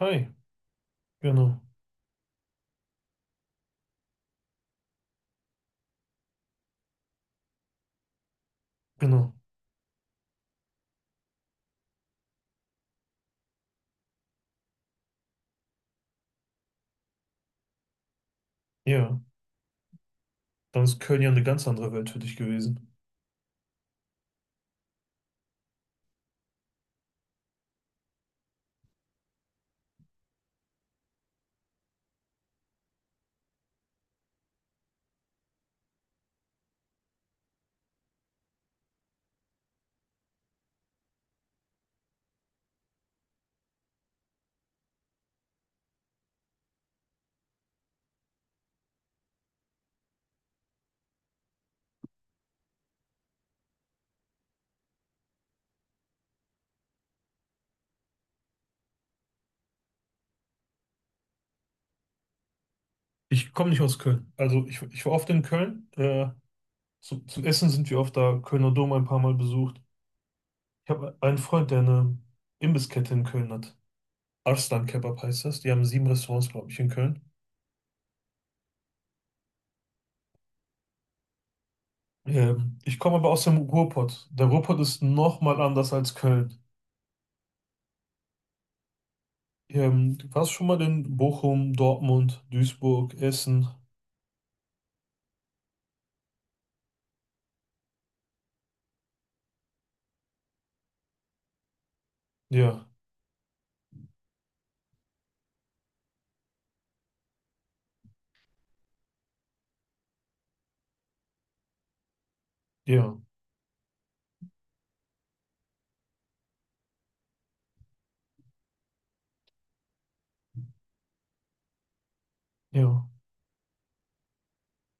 Hi, genau, genau. Ja, dann ist Köln ja eine ganz andere Welt für dich gewesen. Ich komme nicht aus Köln. Also ich war oft in Köln. Zum Essen sind wir oft da, Kölner Dom ein paar Mal besucht. Ich habe einen Freund, der eine Imbisskette in Köln hat. Arslan Kebab heißt das. Die haben sieben Restaurants, glaube ich, in Köln. Ich komme aber aus dem Ruhrpott. Der Ruhrpott ist nochmal anders als Köln. Du warst schon mal in Bochum, Dortmund, Duisburg, Essen. Ja, ja, ja.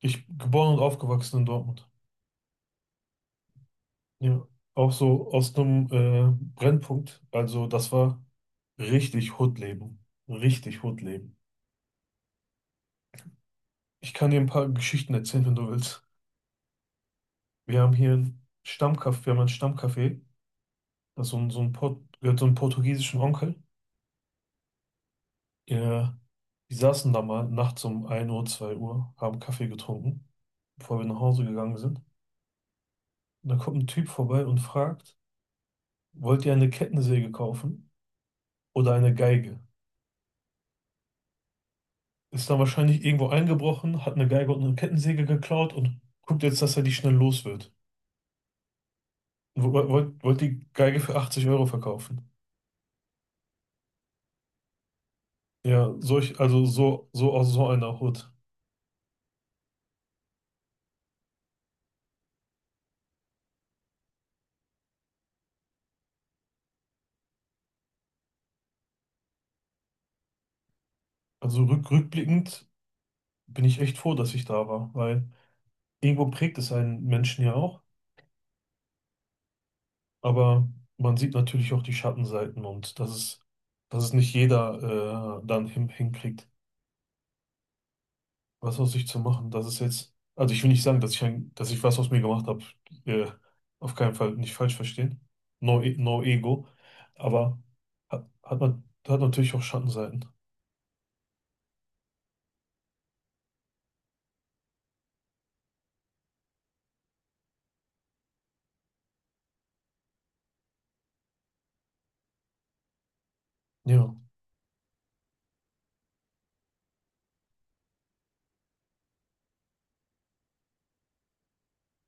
Ich geboren und aufgewachsen in Dortmund. Ja. Auch so aus einem Brennpunkt. Also das war richtig Hood-Leben. Richtig Hood-Leben. Ich kann dir ein paar Geschichten erzählen, wenn du willst. Wir haben hier einen Stammcafé, wir haben ein Stammcafé. Das ist so ein, gehört so einem portugiesischen Onkel. Ja, die saßen da mal nachts um 1 Uhr, 2 Uhr, haben Kaffee getrunken, bevor wir nach Hause gegangen sind. Und da kommt ein Typ vorbei und fragt, wollt ihr eine Kettensäge kaufen oder eine Geige? Ist dann wahrscheinlich irgendwo eingebrochen, hat eine Geige und eine Kettensäge geklaut und guckt jetzt, dass er die schnell los wird. Wollt die Geige für 80 Euro verkaufen. Ja, also so aus so einer Hut. Also rückblickend bin ich echt froh, dass ich da war, weil irgendwo prägt es einen Menschen ja auch, aber man sieht natürlich auch die Schattenseiten und dass es nicht jeder dann hinkriegt, was aus sich zu machen. Das ist jetzt, also ich will nicht sagen, dass ich was aus mir gemacht habe. Äh, auf keinen Fall nicht falsch verstehen. No, no ego. Aber hat natürlich auch Schattenseiten. Ja,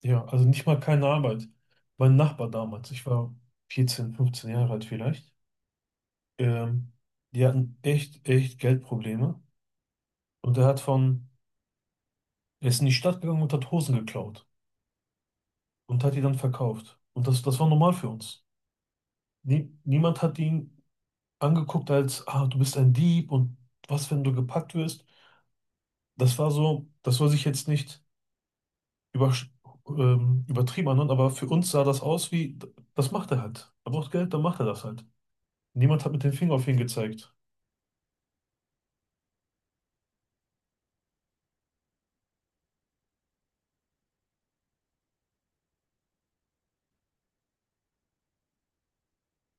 ja, also nicht mal keine Arbeit. Mein Nachbar damals, ich war 14, 15 Jahre alt vielleicht, ähm, die hatten echt, echt Geldprobleme. Und er ist in die Stadt gegangen und hat Hosen geklaut und hat die dann verkauft. Und das war normal für uns. Nie, niemand hat ihn angeguckt als, ah, du bist ein Dieb und was, wenn du gepackt wirst. Das war so, das soll sich jetzt nicht über, übertrieben anhören, aber für uns sah das aus wie, das macht er halt. Er braucht Geld, dann macht er das halt. Niemand hat mit dem Finger auf ihn gezeigt.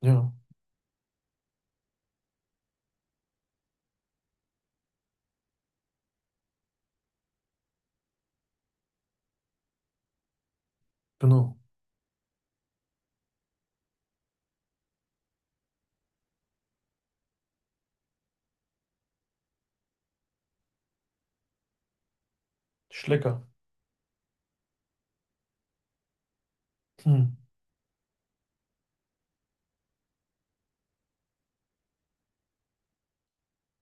Ja, genau. Schlecker. Hm.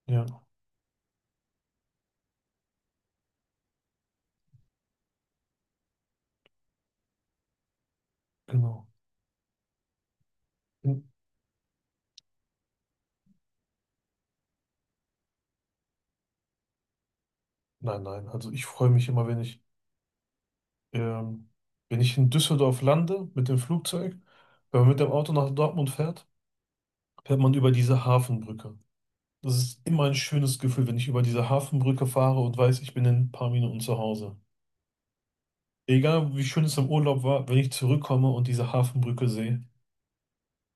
Ja, genau. Hm. Nein, nein, also ich freue mich immer, ähm, wenn ich in Düsseldorf lande mit dem Flugzeug, wenn man mit dem Auto nach Dortmund fährt, fährt man über diese Hafenbrücke. Das ist immer ein schönes Gefühl, wenn ich über diese Hafenbrücke fahre und weiß, ich bin in ein paar Minuten zu Hause. Egal wie schön es im Urlaub war, wenn ich zurückkomme und diese Hafenbrücke sehe,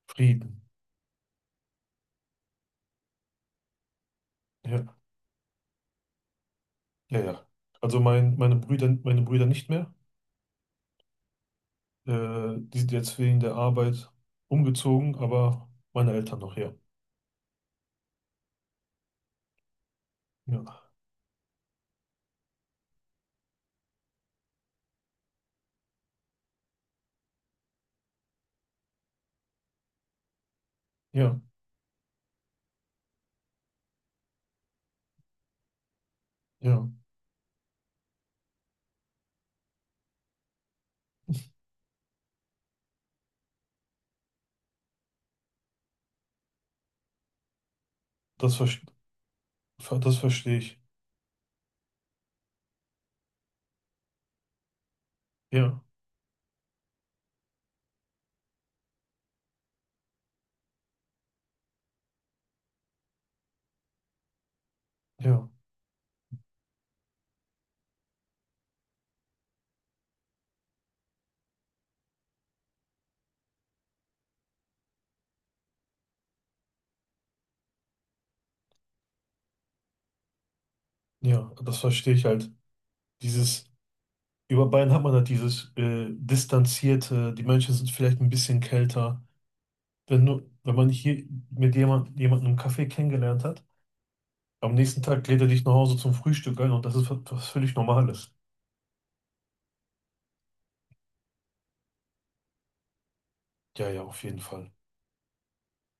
Frieden. Ja, ja, ja. Also meine Brüder nicht mehr. Die sind jetzt wegen der Arbeit umgezogen, aber meine Eltern noch, ja. Ja, ja, ja. Das, ver das verstehe ich. Ja, ja, ja. Das verstehe ich halt. Dieses. Über Bayern hat man halt dieses Distanzierte, die Menschen sind vielleicht ein bisschen kälter. Wenn man hier mit jemandem im Café kennengelernt hat, am nächsten Tag lädt er dich nach Hause zum Frühstück ein und das ist was, was völlig Normales. Ja, ja, auf jeden Fall.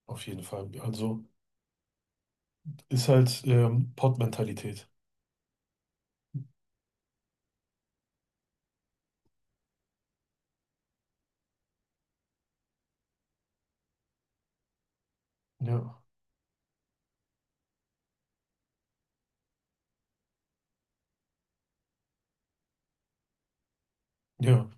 Auf jeden Fall. Also ist halt Pottmentalität. Ja, ja,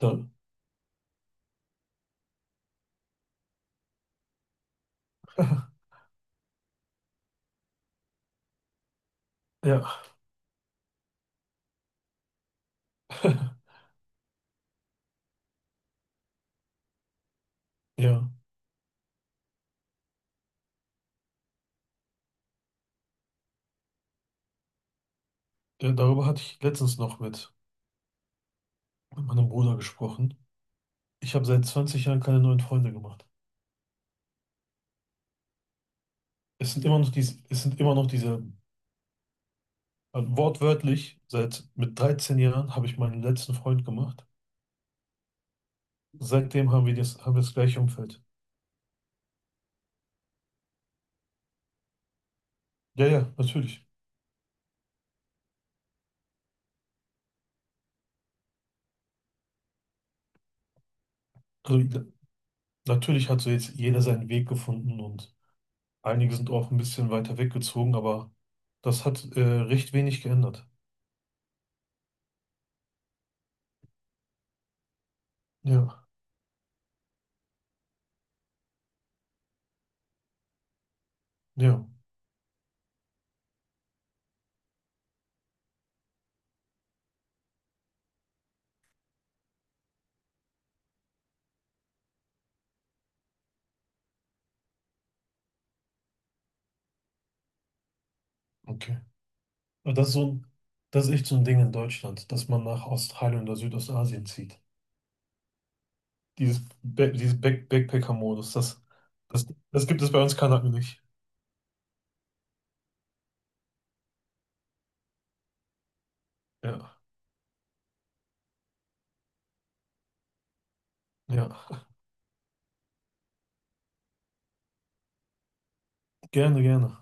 da, ja, ja. Ja, darüber hatte ich letztens noch mit meinem Bruder gesprochen. Ich habe seit 20 Jahren keine neuen Freunde gemacht. Es sind immer noch diese, Also wortwörtlich, seit mit 13 Jahren habe ich meinen letzten Freund gemacht. Seitdem haben wir das gleiche Umfeld. Ja, ja, natürlich. Also, ja, natürlich hat so jetzt jeder seinen Weg gefunden und einige sind auch ein bisschen weiter weggezogen, aber das hat recht wenig geändert. Ja, ja, okay. Aber das ist echt so ein Ding in Deutschland, dass man nach Australien oder Südostasien zieht. Dieses, dieses Backpacker-Modus, das gibt es bei uns Kanaken nicht. Ja, ja. Gerne, gerne.